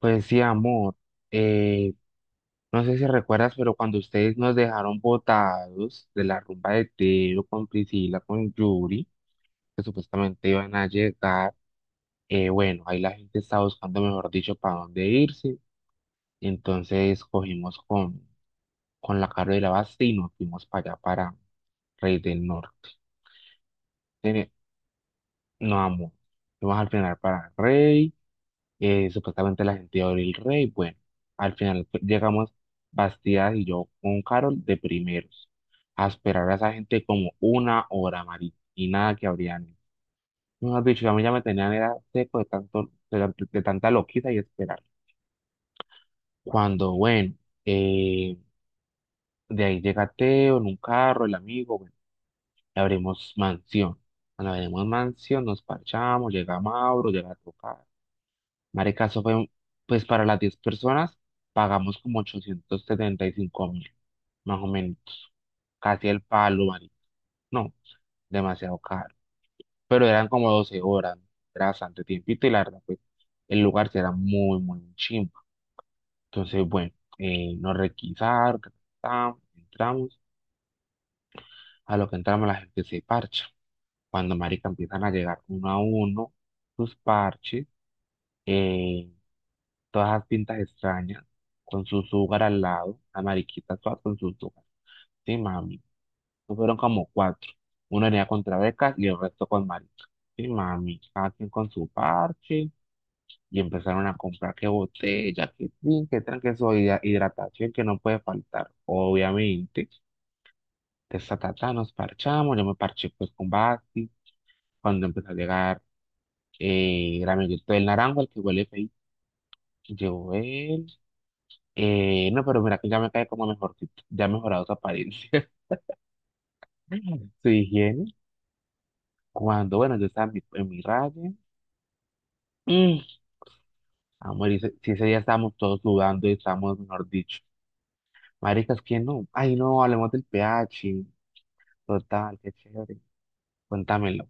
Pues sí, amor. Eh, no sé si recuerdas, pero cuando ustedes nos dejaron botados de la rumba de Teo con Priscila, con Yuri, que supuestamente iban a llegar. Bueno, ahí la gente estaba buscando, mejor dicho, para dónde irse. Entonces cogimos con la Caro de la Basta y nos fuimos para allá, para Rey del Norte. Tiene No, amor. Fuimos al final para Rey. Supuestamente la gente iba a abrir el rey. Bueno, al final pues, llegamos Bastidas y yo con Carol de primeros a esperar a esa gente como una hora, Mari, y nada que abrían. Mejor dicho, si a mí ya me tenían era seco de tanto, de tanta loquita y esperar. Cuando, bueno, eh, de ahí llega Teo en un carro, el amigo, bueno, y abrimos mansión. Cuando abrimos mansión, nos parchamos, llega Mauro, llega Tocar. Marica, eso fue, pues para las 10 personas pagamos como 875.000, más o menos. Casi el palo, marica. No, demasiado caro. Pero eran como 12 horas, ¿no? Era bastante tiempito y la verdad, pues el lugar sí era muy, muy chimba. Entonces, bueno, nos requisaron, ta, ta, ta, entramos. A lo que entramos la gente se parcha. Cuando marica empiezan a llegar uno a uno, sus parches, eh, todas las pintas extrañas, con su sugar al lado, la mariquita toda con su sugar. Sí, mami. Eso fueron como cuatro. Uno venía contra becas y el resto con marica. Sí, mami. Cada quien con su parche. Y empezaron a comprar qué botella, qué drink, qué tran, que eso hidratación que no puede faltar, obviamente. Ta, ta, nos parchamos, yo me parché pues con Basti, cuando empezó a llegar, el amiguito del naranjo, el que huele feo, llegó él. No, pero mira que ya me cae como mejorcito, ya ha mejorado su apariencia, su higiene, cuando, bueno, yo estaba en mi, raya, mm, amor, y si ese día estábamos todos sudando y estábamos, mejor dicho, maricas, ¿quién no? Ay, no, hablemos del pH, total, qué chévere, cuéntamelo,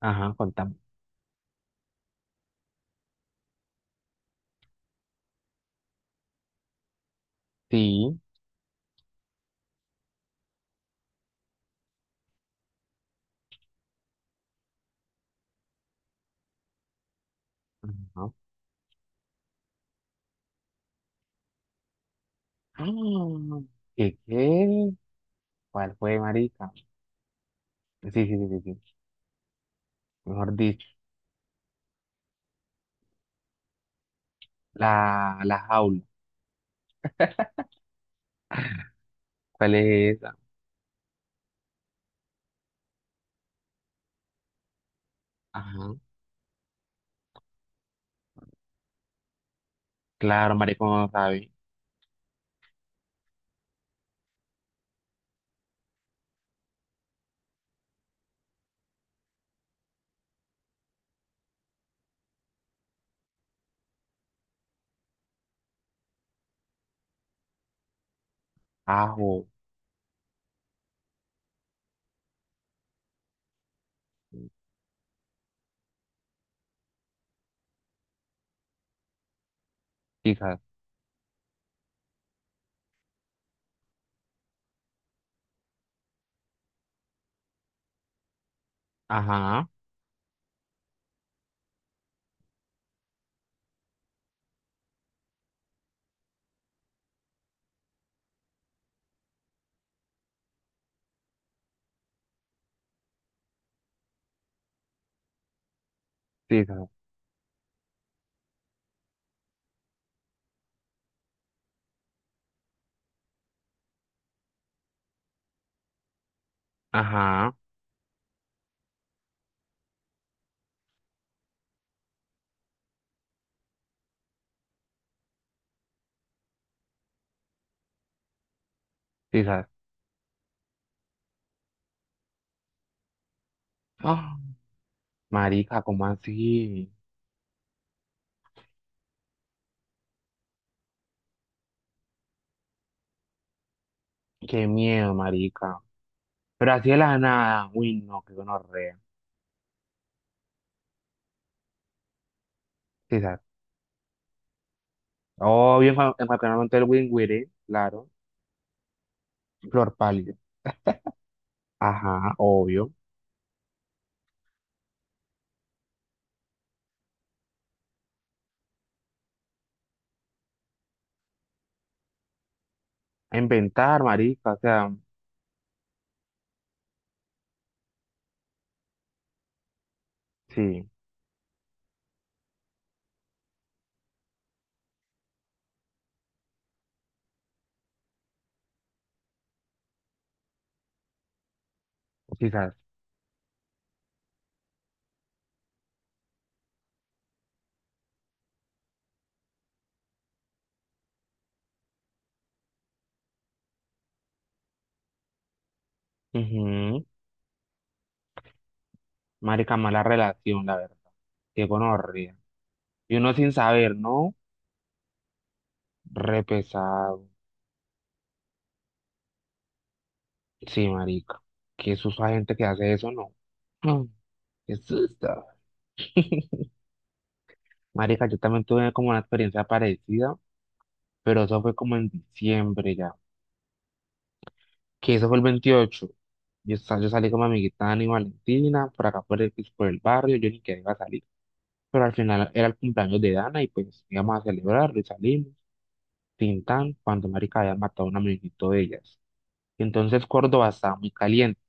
ajá, cuéntame, sí. Ah, ¿qué, qué? ¿Cuál fue, marica? Sí, sí, sí, sí, sí. Mejor dicho, la jaula. ¿Cuál es esa? Ajá. Claro, marica, uno no sabe. Ajo. Quizás. Ajá. Quizás. Ajá. Quizás. Ah, marica, ¿cómo así? Qué miedo, marica. Pero así de la nada. Uy, no, qué gonorrea. Quizás. Obvio, en cualquier momento el wingüire, claro. Flor pálida. Ajá, obvio. A inventar, marica, o sea. Sí, quizás. Ujú. Marica, mala relación, la verdad. Qué gonorrea. Y uno sin saber, ¿no? Re pesado. Sí, marica. Qué susto a gente que hace eso, ¿no? Mm. Qué susto. Marica, yo también tuve como una experiencia parecida, pero eso fue como en diciembre ya. Que eso fue el 28. Yo salí con mi amiguita Dani Valentina, por acá por el barrio, yo ni que iba a salir. Pero al final era el cumpleaños de Dana y pues íbamos a celebrarlo y salimos. Tintán cuando marica había matado a un amiguito de ellas. Y entonces Córdoba estaba muy caliente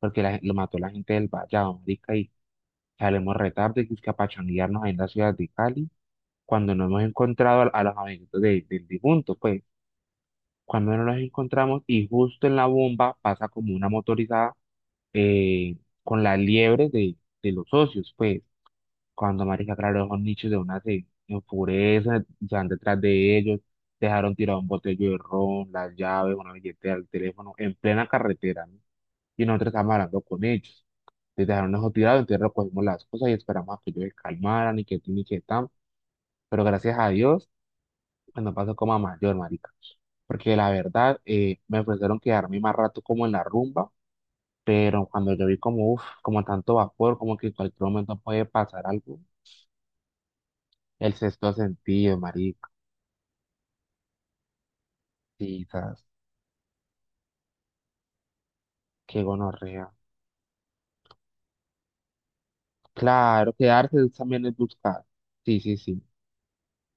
porque lo mató la gente del Vallado, marica, y salimos retarde que es que a pachanguearnos ahí en la ciudad de Cali cuando no hemos encontrado a, los amiguitos del difunto, pues cuando no los encontramos y justo en la bomba pasa como una motorizada, eh, con la liebre de los socios, pues. Cuando, marica, claro, esos nichos de una se enfurecen, se van detrás de ellos, dejaron tirado un botello de ron, las llaves, una billetera, el teléfono, en plena carretera, ¿no? Y nosotros estábamos hablando con ellos. Les dejaron eso tirado, entonces recogimos las cosas y esperamos a que ellos se calmaran y que tin y que tan. Pero gracias a Dios, pues, no pasó como a mayor, marica. Porque la verdad, me ofrecieron quedarme más rato como en la rumba, pero cuando yo vi como, uff, como tanto vapor, como que en cualquier momento puede pasar algo, el sexto sentido, marica. Sí, tas, qué gonorrea. Claro, quedarse también es buscar. Sí, sí, sí,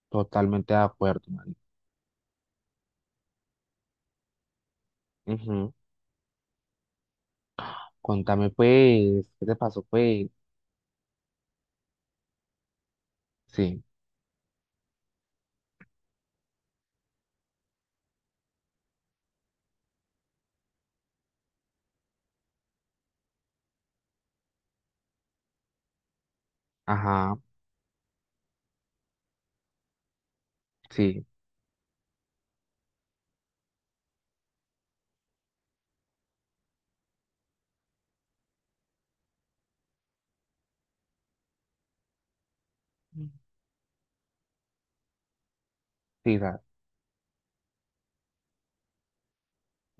totalmente de acuerdo, marica. Ujú. Contame, pues, ¿qué te pasó, pues? Sí, ajá, sí, mm. Sí, tas.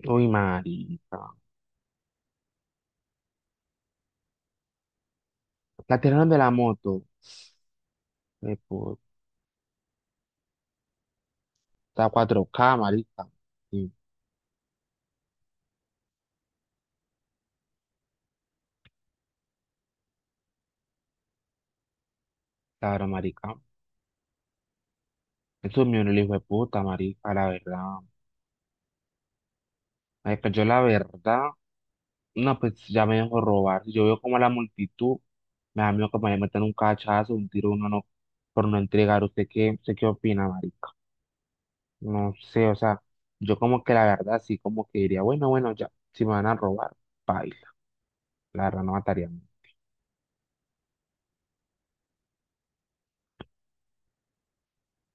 Uy, marica. La tiraron de la moto, puta, 4K marica. Sí, claro, marica. Eso es mío, el hijo de puta, marica, la verdad. Marica, yo la verdad. No, pues ya me dejó robar. Si yo veo como a la multitud, me da miedo que me metan un cachazo, un tiro, uno no, por no entregar. ¿Usted qué opina, marica? No sé, o sea, yo como que la verdad sí como que diría, bueno, bueno, ya, si me van a robar, baila. La verdad no matarían.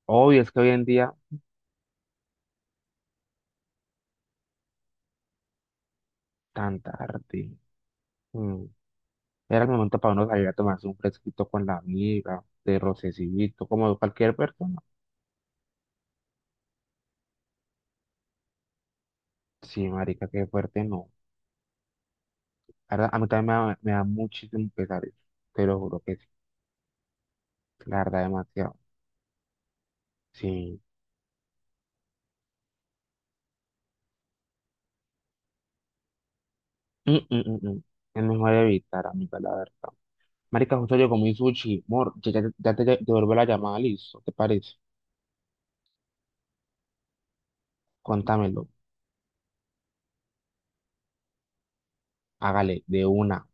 Obvio, es que hoy en día, tan tarde. mm, Era el momento para uno salir a tomarse un fresquito con la amiga, de rocecillito, como cualquier persona. Sí, marica, qué fuerte, no. La verdad, a mí también me da, muchísimo pesar eso, te lo juro que. La verdad, demasiado. Sí. Mm, mm, mm, mm. Es mejor evitar, amiga, la verdad. Marica, justo yo comí sushi. Mor, ya te devuelvo la llamada, listo. ¿Te parece? Contámelo. Hágale, de una.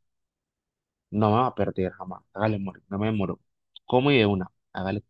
No me va a perder jamás. Hágale, mor. No me demoro. Como y de una. Hágale.